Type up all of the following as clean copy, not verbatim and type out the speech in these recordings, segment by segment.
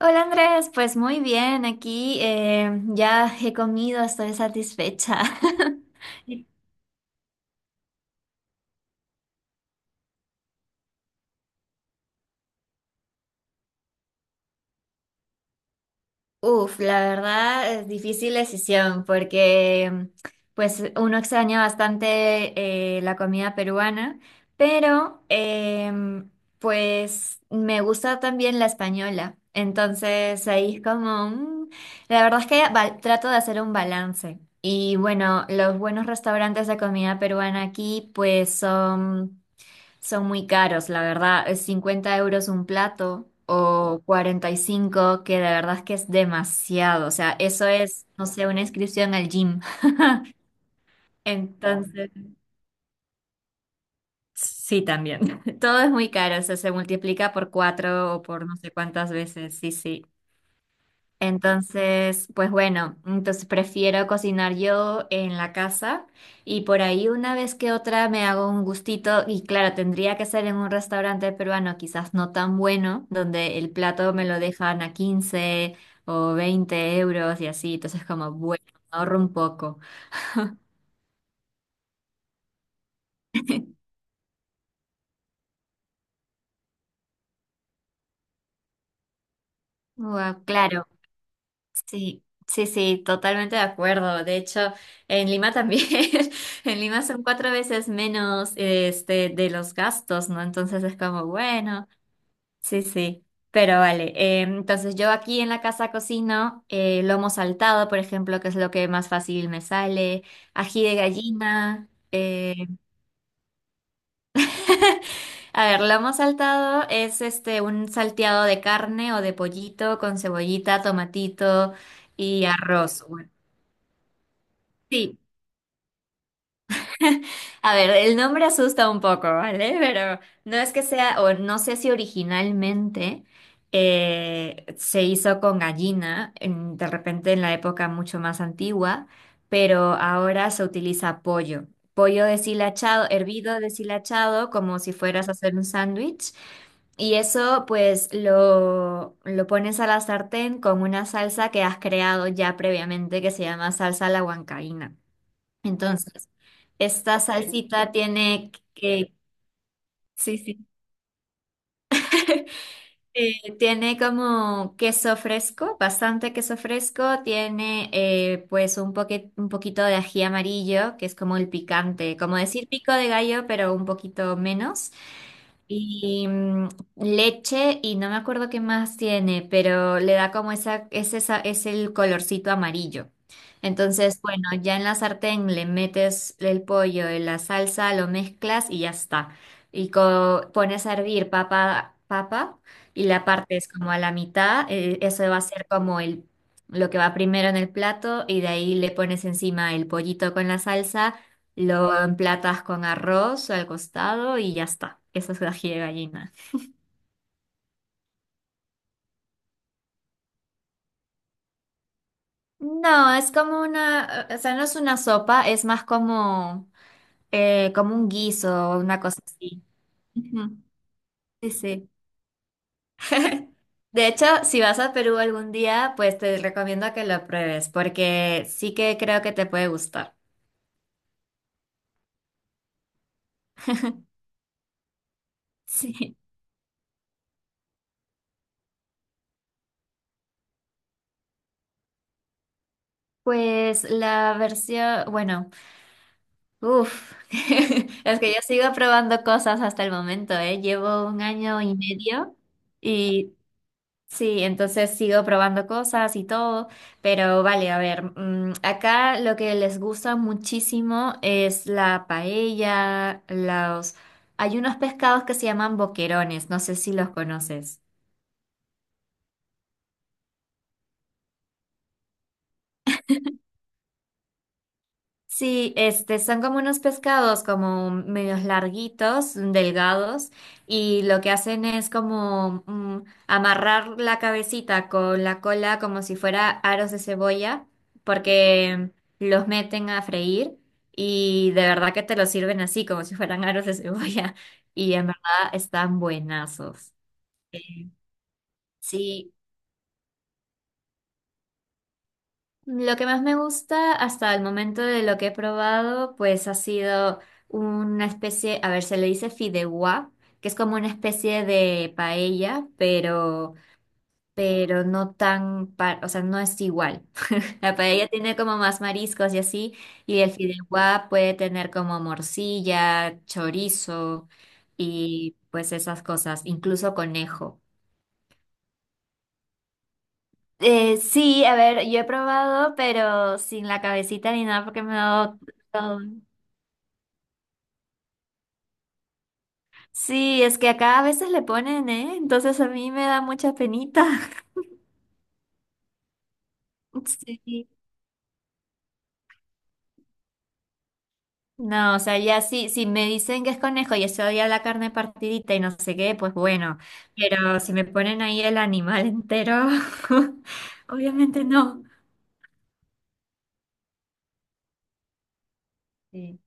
Hola Andrés, pues muy bien, aquí ya he comido, estoy satisfecha. Uf, la verdad es difícil decisión porque pues uno extraña bastante la comida peruana, pero pues me gusta también la española, entonces ahí es como, la verdad es que trato de hacer un balance y bueno, los buenos restaurantes de comida peruana aquí pues son... Son muy caros, la verdad. Es 50 euros un plato o 45, que de verdad es que es demasiado. O sea, eso es, no sé, una inscripción al gym. Entonces, sí, también. Todo es muy caro, o sea, se multiplica por cuatro o por no sé cuántas veces. Sí, sí. Entonces, pues bueno, entonces prefiero cocinar yo en la casa y por ahí una vez que otra me hago un gustito y claro, tendría que ser en un restaurante peruano quizás no tan bueno, donde el plato me lo dejan a 15 o 20 euros y así, entonces como bueno, ahorro un poco. Guau, claro. Sí, sí, sí, totalmente de acuerdo. De hecho, en Lima también, en Lima son cuatro veces menos, este, de los gastos, ¿no? Entonces es como, bueno, sí, sí, pero vale. Entonces yo aquí en la casa cocino lomo saltado, por ejemplo, que es lo que más fácil me sale, ají de gallina. A ver, lomo saltado es, este, un salteado de carne o de pollito con cebollita, tomatito y arroz. Bueno, sí. A ver, el nombre asusta un poco, ¿vale? Pero no es que sea, o no sé si originalmente se hizo con gallina, de repente en la época mucho más antigua, pero ahora se utiliza pollo. Pollo deshilachado, hervido deshilachado, como si fueras a hacer un sándwich. Y eso pues lo pones a la sartén con una salsa que has creado ya previamente, que se llama salsa a la huancaína. Entonces, esta salsita tiene que, sí, sí, eh, tiene como queso fresco, bastante queso fresco, tiene pues un un poquito de ají amarillo, que es como el picante, como decir pico de gallo, pero un poquito menos. Y leche y no me acuerdo qué más tiene, pero le da como esa, es el colorcito amarillo. Entonces, bueno, ya en la sartén le metes el pollo en la salsa, lo mezclas y ya está. Y pones a hervir papa, y la partes como a la mitad. Eso va a ser como el, lo que va primero en el plato, y de ahí le pones encima el pollito con la salsa. Lo emplatas con arroz al costado y ya está. Esa es ají de gallina. No, es como una, o sea, no es una sopa, es más como, como un guiso o una cosa así. Ujú. Sí, sí. De hecho, si vas a Perú algún día, pues te recomiendo que lo pruebes, porque sí que creo que te puede gustar. Sí. Pues la versión, bueno. Uf, es que yo sigo probando cosas hasta el momento, ¿eh? Llevo un año y medio y sí, entonces sigo probando cosas y todo, pero vale, a ver, acá lo que les gusta muchísimo es la paella, los... Hay unos pescados que se llaman boquerones, no sé si los conoces. Sí, este, son como unos pescados como medios larguitos, delgados, y lo que hacen es como amarrar la cabecita con la cola como si fuera aros de cebolla, porque los meten a freír y de verdad que te los sirven así, como si fueran aros de cebolla, y en verdad están buenazos. Sí, lo que más me gusta hasta el momento de lo que he probado, pues ha sido una especie, a ver, se le dice fideuá, que es como una especie de paella, pero no tan, o sea, no es igual. La paella tiene como más mariscos y así, y el fideuá puede tener como morcilla, chorizo y pues esas cosas, incluso conejo. Sí, a ver, yo he probado, pero sin la cabecita ni nada porque me ha dado... todo. Sí, es que acá a veces le ponen, ¿eh? Entonces a mí me da mucha penita. Sí. No, o sea, ya sí, si me dicen que es conejo y eso, ya la carne partidita y no sé qué, pues bueno, pero si me ponen ahí el animal entero, obviamente no. Sí.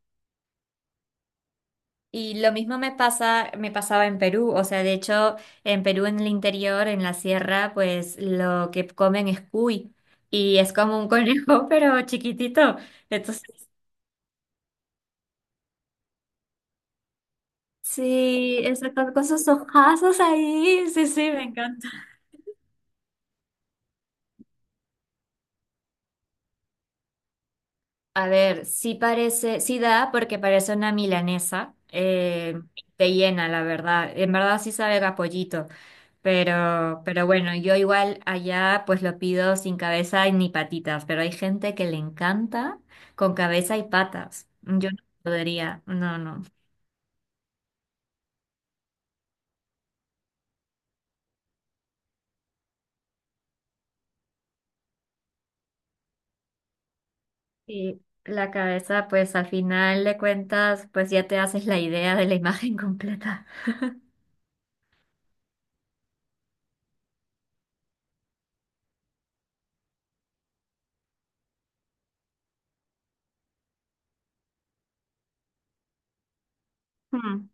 Y lo mismo me pasa, me pasaba en Perú, o sea, de hecho, en Perú en el interior, en la sierra, pues lo que comen es cuy, y es como un conejo, pero chiquitito. Entonces, sí, eso con sus ojazos ahí, sí, sí, me encanta. A ver, sí parece, sí da porque parece una milanesa, te llena, la verdad. En verdad sí sabe a pollito. Pero bueno, yo igual allá pues lo pido sin cabeza y ni patitas, pero hay gente que le encanta con cabeza y patas. Yo no podría, no, no. Y la cabeza pues al final de cuentas pues ya te haces la idea de la imagen completa. Mm,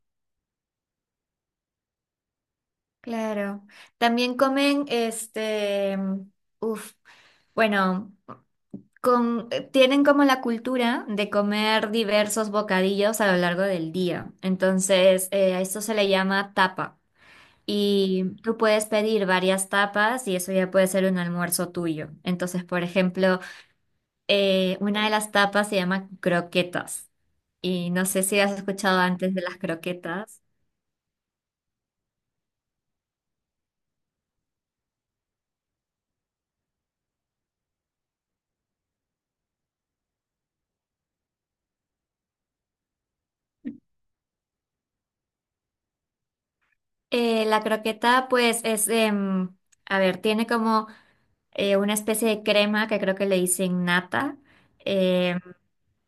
claro. También comen, este, uf, bueno, con, tienen como la cultura de comer diversos bocadillos a lo largo del día. Entonces, a esto se le llama tapa. Y tú puedes pedir varias tapas y eso ya puede ser un almuerzo tuyo. Entonces, por ejemplo, una de las tapas se llama croquetas. Y no sé si has escuchado antes de las croquetas. La croqueta, pues, es, a ver, tiene como una especie de crema que creo que le dicen nata. eh,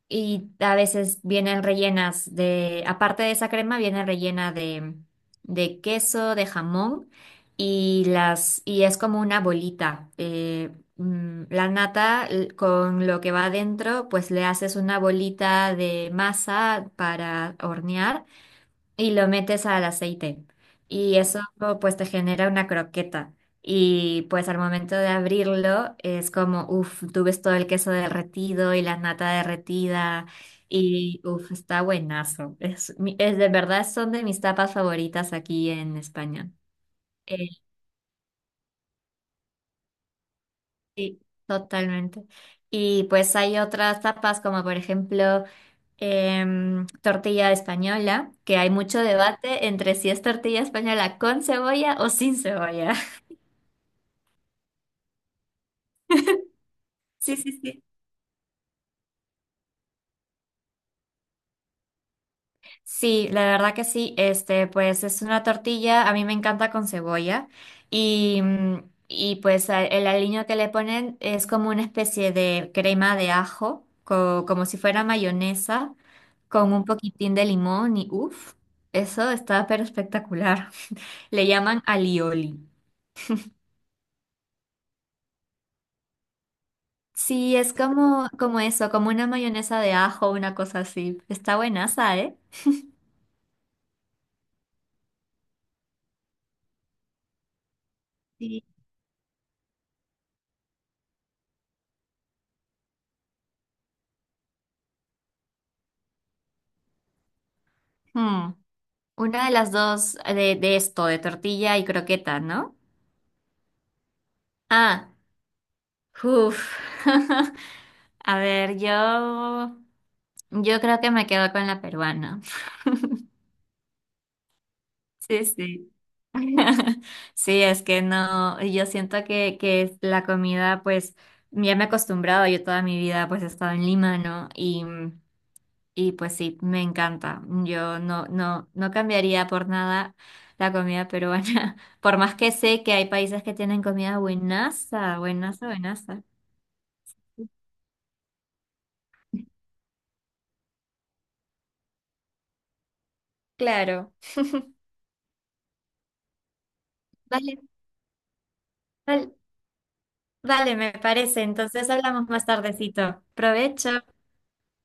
Y a veces vienen rellenas de, aparte de esa crema, viene rellena de queso, de jamón, y las, y es como una bolita. La nata con lo que va adentro, pues le haces una bolita de masa para hornear y lo metes al aceite. Y eso pues te genera una croqueta. Y pues al momento de abrirlo es como, uff, tú ves todo el queso derretido y la nata derretida. Y uff, está buenazo. Es, es de verdad, son de mis tapas favoritas aquí en España. Eh, sí, totalmente. Y pues hay otras tapas como por ejemplo... tortilla española, que hay mucho debate entre si es tortilla española con cebolla o sin cebolla. Sí, sí, sí. Sí, la verdad que sí. Este, pues es una tortilla, a mí me encanta con cebolla y pues el aliño que le ponen es como una especie de crema de ajo, como si fuera mayonesa, con un poquitín de limón y uff, eso está pero espectacular. Le llaman alioli. Sí, es como, como eso, como una mayonesa de ajo, una cosa así. Está buenaza, ¿eh? Sí. Hmm, Una de las dos de esto, de tortilla y croqueta, ¿no? Ah, uff. A ver, yo creo que me quedo con la peruana. Sí, sí. Sí, es que no, yo siento que es la comida, pues, ya me he acostumbrado, yo toda mi vida pues he estado en Lima, ¿no? Y pues sí, me encanta. Yo no cambiaría por nada la comida peruana, por más que sé que hay países que tienen comida buenaza, buenaza, buenaza. Claro. Vale, vale, vale, me parece. Entonces hablamos más tardecito. Provecho.